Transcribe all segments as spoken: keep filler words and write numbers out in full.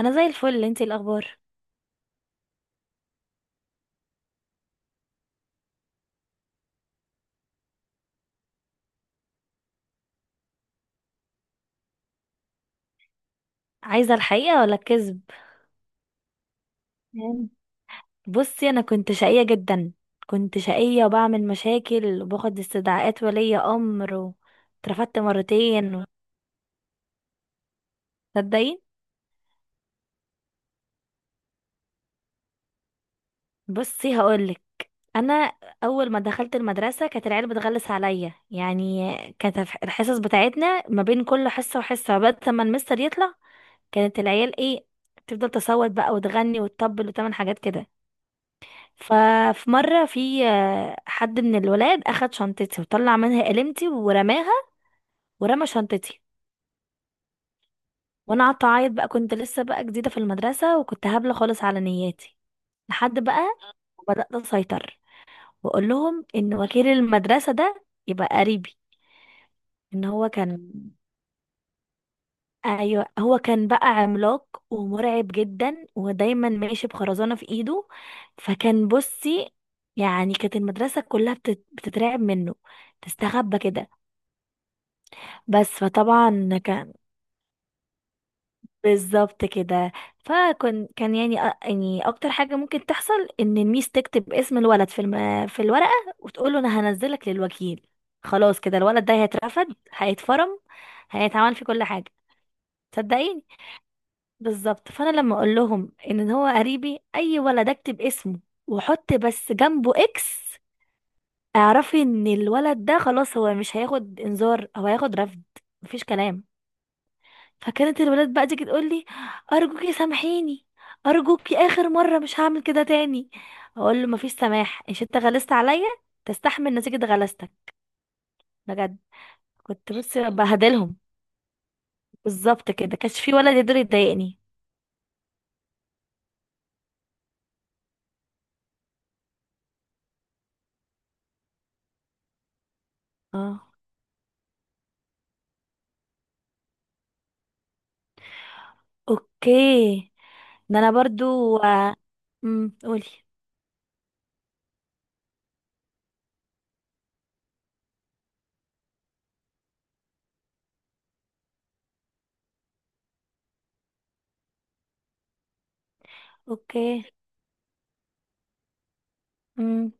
انا زي الفل. انتي إيه الاخبار؟ عايزه الحقيقه ولا الكذب؟ تمام. بصي، انا كنت شقيه جدا. كنت شقيه وبعمل مشاكل وباخد استدعاءات ولي امر، واترفدت مرتين. تصدقي. بصي، هقولك. انا اول ما دخلت المدرسه كانت العيال بتغلس عليا، يعني كانت الح- الحصص بتاعتنا ما بين كل حصه وحصه بعد ما المستر يطلع، كانت العيال ايه، تفضل تصوت بقى وتغني وتطبل وتعمل حاجات كده. ففي مرة في آه، حد من الولاد أخد شنطتي وطلع منها قلمتي ورماها، ورمى شنطتي. وأنا قعدت أعيط بقى، كنت لسه بقى جديدة في المدرسة وكنت هبلة خالص على نياتي. لحد بقى وبدأت أسيطر وأقول لهم إن وكيل المدرسة ده يبقى قريبي. إن هو كان أيوة، هو كان بقى عملاق ومرعب جدا، ودايما ماشي بخرزانة في إيده. فكان، بصي، يعني كانت المدرسة كلها بتت- بتترعب منه، تستخبى كده. بس فطبعا كان بالظبط كده. فكان كان يعني أ- يعني اكتر حاجه ممكن تحصل ان الميس تكتب اسم الولد في الم... في الورقه وتقول له انا هنزلك للوكيل. خلاص كده الولد ده هيترفض، هيتفرم، هيتعمل في كل حاجه. صدقيني. بالظبط. فانا لما اقول لهم ان هو قريبي، اي ولد اكتب اسمه واحط بس جنبه اكس، اعرفي ان الولد ده خلاص، هو مش هياخد انذار، هو هياخد رفض، مفيش كلام. فكانت الولاد بقى تيجي تقول لي: ارجوكي سامحيني، ارجوكي اخر مره مش هعمل كده تاني. اقول له مفيش سماح، إيش انت غلست عليا، تستحمل نتيجه غلستك. بجد، كنت، بصي، بهدلهم. بالظبط كده، كانش في ولا يقدر يضايقني. اه، اوكي. ده انا برضو. امم قولي. اوكي. امم.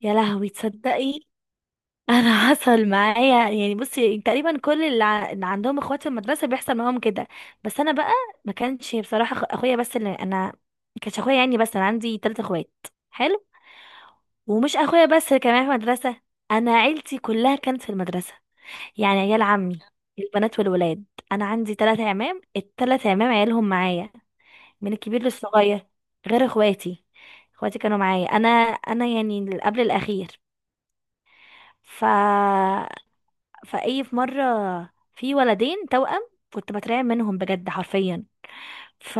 يا لهوي، تصدقي، انا حصل معايا يعني، بصي، تقريبا كل اللي ع- اللي عندهم اخوات في المدرسه بيحصل معاهم كده. بس انا بقى ما كانش بصراحه أخ- اخويا بس، اللي انا ما كانش اخويا يعني بس، انا عندي ثلاثة اخوات. حلو. ومش اخويا بس اللي كان معايا في المدرسه، انا عيلتي كلها كانت في المدرسه، يعني عيال عمي، البنات والولاد. انا عندي ثلاثة عمام، الثلاث عمام عيالهم معايا، من الكبير للصغير، غير اخواتي. اخواتي كانوا معايا. انا انا يعني قبل الاخير. فا، فاي، في مره، في ولدين توأم كنت بترعب منهم بجد، حرفيا. ف،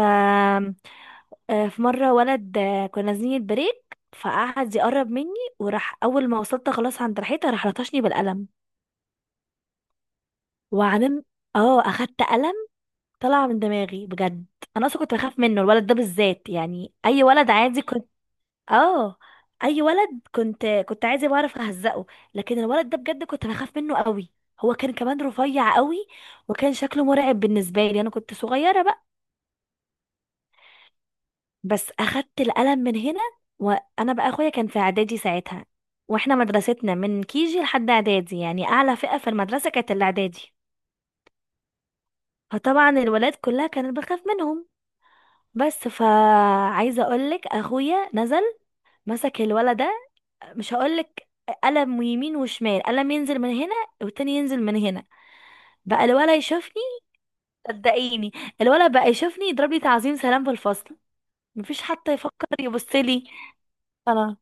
آه، في مره ولد، آه، كنا نازلين البريك فقعد يقرب مني، وراح اول ما وصلت خلاص عند ريحتها راح لطشني بالقلم وعلم. اه، اخدت قلم طلع من دماغي بجد. انا اصلا كنت بخاف منه الولد ده بالذات، يعني اي ولد عادي، اه، اي ولد كنت كنت عايزه بعرف اهزقه، لكن الولد ده بجد كنت بخاف منه قوي. هو كان كمان رفيع قوي، وكان شكله مرعب بالنسبه لي. انا كنت صغيره بقى. بس اخدت القلم من هنا، وانا بقى اخويا كان في اعدادي ساعتها، واحنا مدرستنا من كيجي لحد اعدادي، يعني اعلى فئه في المدرسه كانت الاعدادي، فطبعا الولاد كلها كانت بخاف منهم. بس، فعايزه اقولك، اخويا نزل مسك الولد، مش هقولك، قلم يمين وشمال، قلم ينزل من هنا والتاني ينزل من هنا. بقى الولا يشوفني، صدقيني، الولا بقى يشوفني يضرب لي تعظيم سلام في الفصل، مفيش حتى يفكر يبص لي. انا،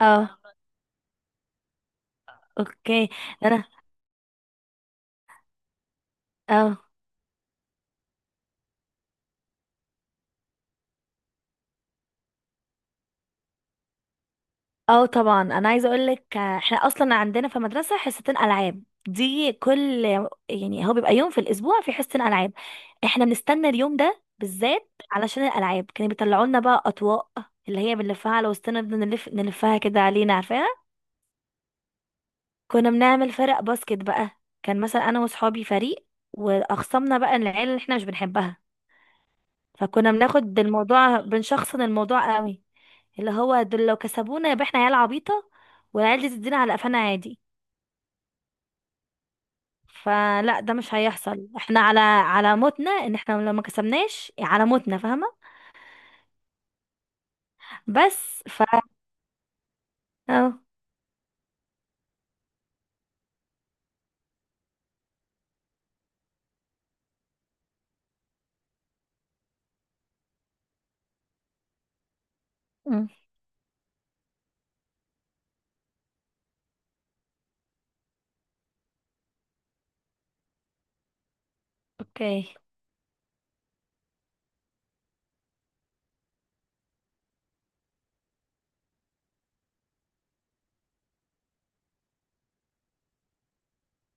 اه، اوكي. ده انا. اه، اه طبعا. انا عايزه اقول لك احنا اصلا عندنا في المدرسه حصتين العاب دي كل، يعني هو بيبقى يوم في الاسبوع في حصتين العاب. احنا بنستنى اليوم ده بالذات علشان الالعاب، كانوا بيطلعوا لنا بقى اطواق اللي هي بنلفها على وسطنا، نفضل نلف نلفها كده علينا، عارفاها. كنا بنعمل فرق باسكت بقى. كان مثلا انا واصحابي فريق، واخصمنا بقى العيال اللي احنا مش بنحبها. فكنا بناخد الموضوع، بنشخصن الموضوع قوي، اللي هو دول لو كسبونا يبقى احنا عيال عبيطه والعيال دي تدينا على قفانا عادي. فلا، ده مش هيحصل. احنا على على موتنا ان احنا لو ما كسبناش، على موتنا، فاهمة. بس، ف، اه، أمم، اوكي،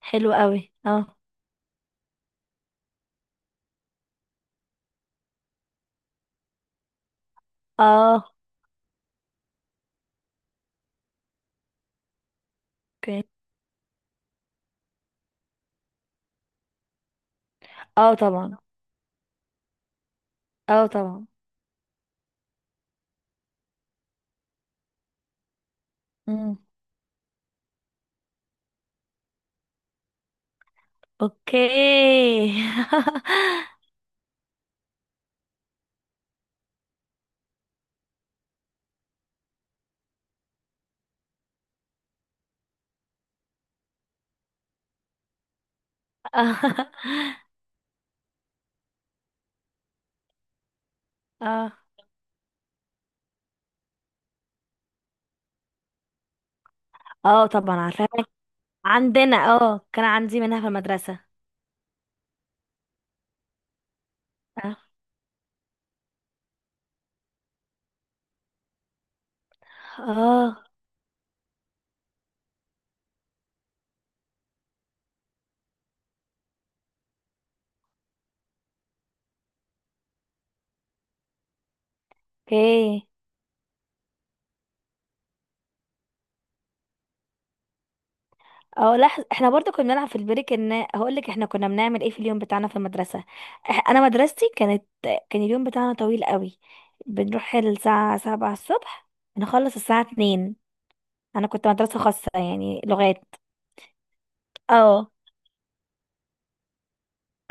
حلو قوي، اه، اه، اوكي، اه، طبعا، اه، طبعا، أمم، اوكي، اه، اه، آه، طبعا عارفاها. عندنا، اه كان عندي منها في المدرسة. اه، آه، اوكي. اه لحظة، احنا برضو كنا بنلعب في البريك. ان هقول لك احنا كنا بنعمل ايه في اليوم بتاعنا في المدرسة. إح- انا مدرستي كانت كان اليوم بتاعنا طويل قوي، بنروح الساعة سبعة الصبح، نخلص الساعة اتنين. انا كنت مدرسة خاصة يعني، لغات. اه،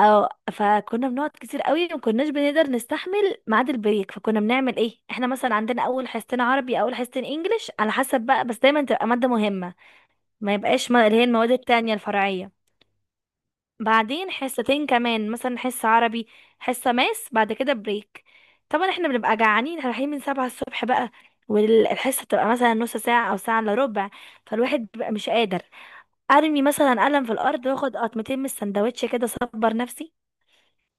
اه، فكنا بنقعد كتير قوي، ومكناش بنقدر نستحمل ميعاد البريك. فكنا بنعمل ايه، احنا مثلا عندنا اول حصتين عربي، اول حصتين انجليش، على حسب بقى، بس دايما تبقى مادة مهمة، ما يبقاش، ما اللي هي المواد التانية الفرعية. بعدين حصتين كمان، مثلا حصة عربي، حصة ماس، بعد كده بريك. طبعا احنا بنبقى جعانين، احنا رايحين من سبعة الصبح بقى، والحصة بتبقى مثلا نص ساعة أو ساعة إلا ربع، فالواحد بيبقى مش قادر. أرمي مثلا قلم في الأرض وآخد قطمتين من السندوتش كده، أصبر نفسي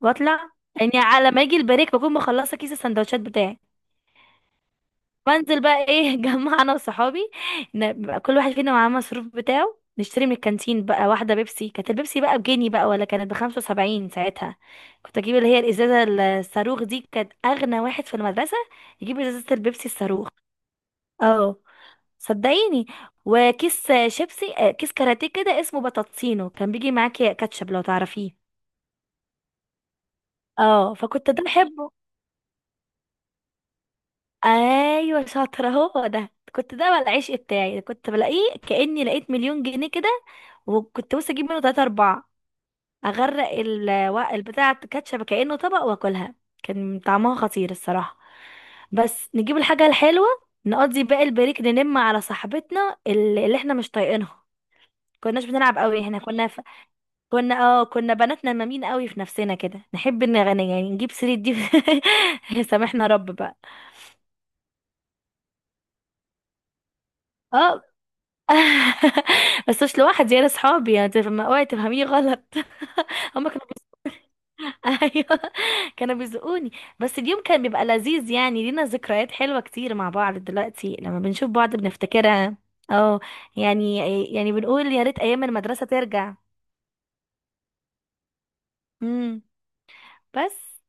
وأطلع، يعني على ما يجي البريك بكون مخلصة كيس السندوتشات بتاعي. بنزل بقى ايه جمع انا وصحابي، ن- بقى كل واحد فينا معاه مصروف بتاعه، نشتري من الكانتين بقى واحدة بيبسي. كانت البيبسي بقى بجنيه بقى، ولا كانت بخمسة وسبعين ساعتها. كنت اجيب اللي هي الازازة الصاروخ دي، كانت اغنى واحد في المدرسة يجيب ازازة البيبسي الصاروخ. اه، صدقيني. وكيس شيبسي، آه، كيس كاراتيه كده اسمه بطاطسينو، كان بيجي معاكي كاتشب، لو تعرفيه. اه، فكنت ده بحبه. ايوه، شاطره، هو ده، كنت، ده بقى العشق بتاعي، كنت بلاقيه كاني لقيت مليون جنيه كده، وكنت بص اجيب منه تلاتة اربعة، اغرق الوق البتاع كاتشب كانه طبق واكلها. كان طعمها خطير الصراحه. بس نجيب الحاجه الحلوه، نقضي باقي البريك، ننم على صاحبتنا اللي اللي احنا مش طايقينها. كناش بنلعب قوي، احنا كنا ف... كنا، اه، كنا بنات نمامين قوي في نفسنا كده، نحب نغني يعني، نجيب سيرة دي. سامحنا رب بقى. اه، بس مش لوحدي انا، اصحابي يعني، تف- ما- اوعي تفهميني غلط. هما كانوا بي... ايوه، كانوا بيزقوني. بس اليوم كان بيبقى لذيذ يعني، لينا ذكريات حلوة كتير مع بعض، دلوقتي لما بنشوف بعض بنفتكرها. اه، يعني يعني بنقول يا ريت ايام المدرسة ترجع. امم. بس،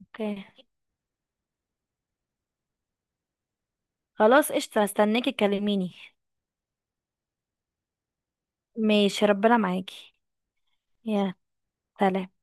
اوكي، خلاص، قشطة، استناكي تكلميني. ماشي، ربنا معاكي. يا سلام.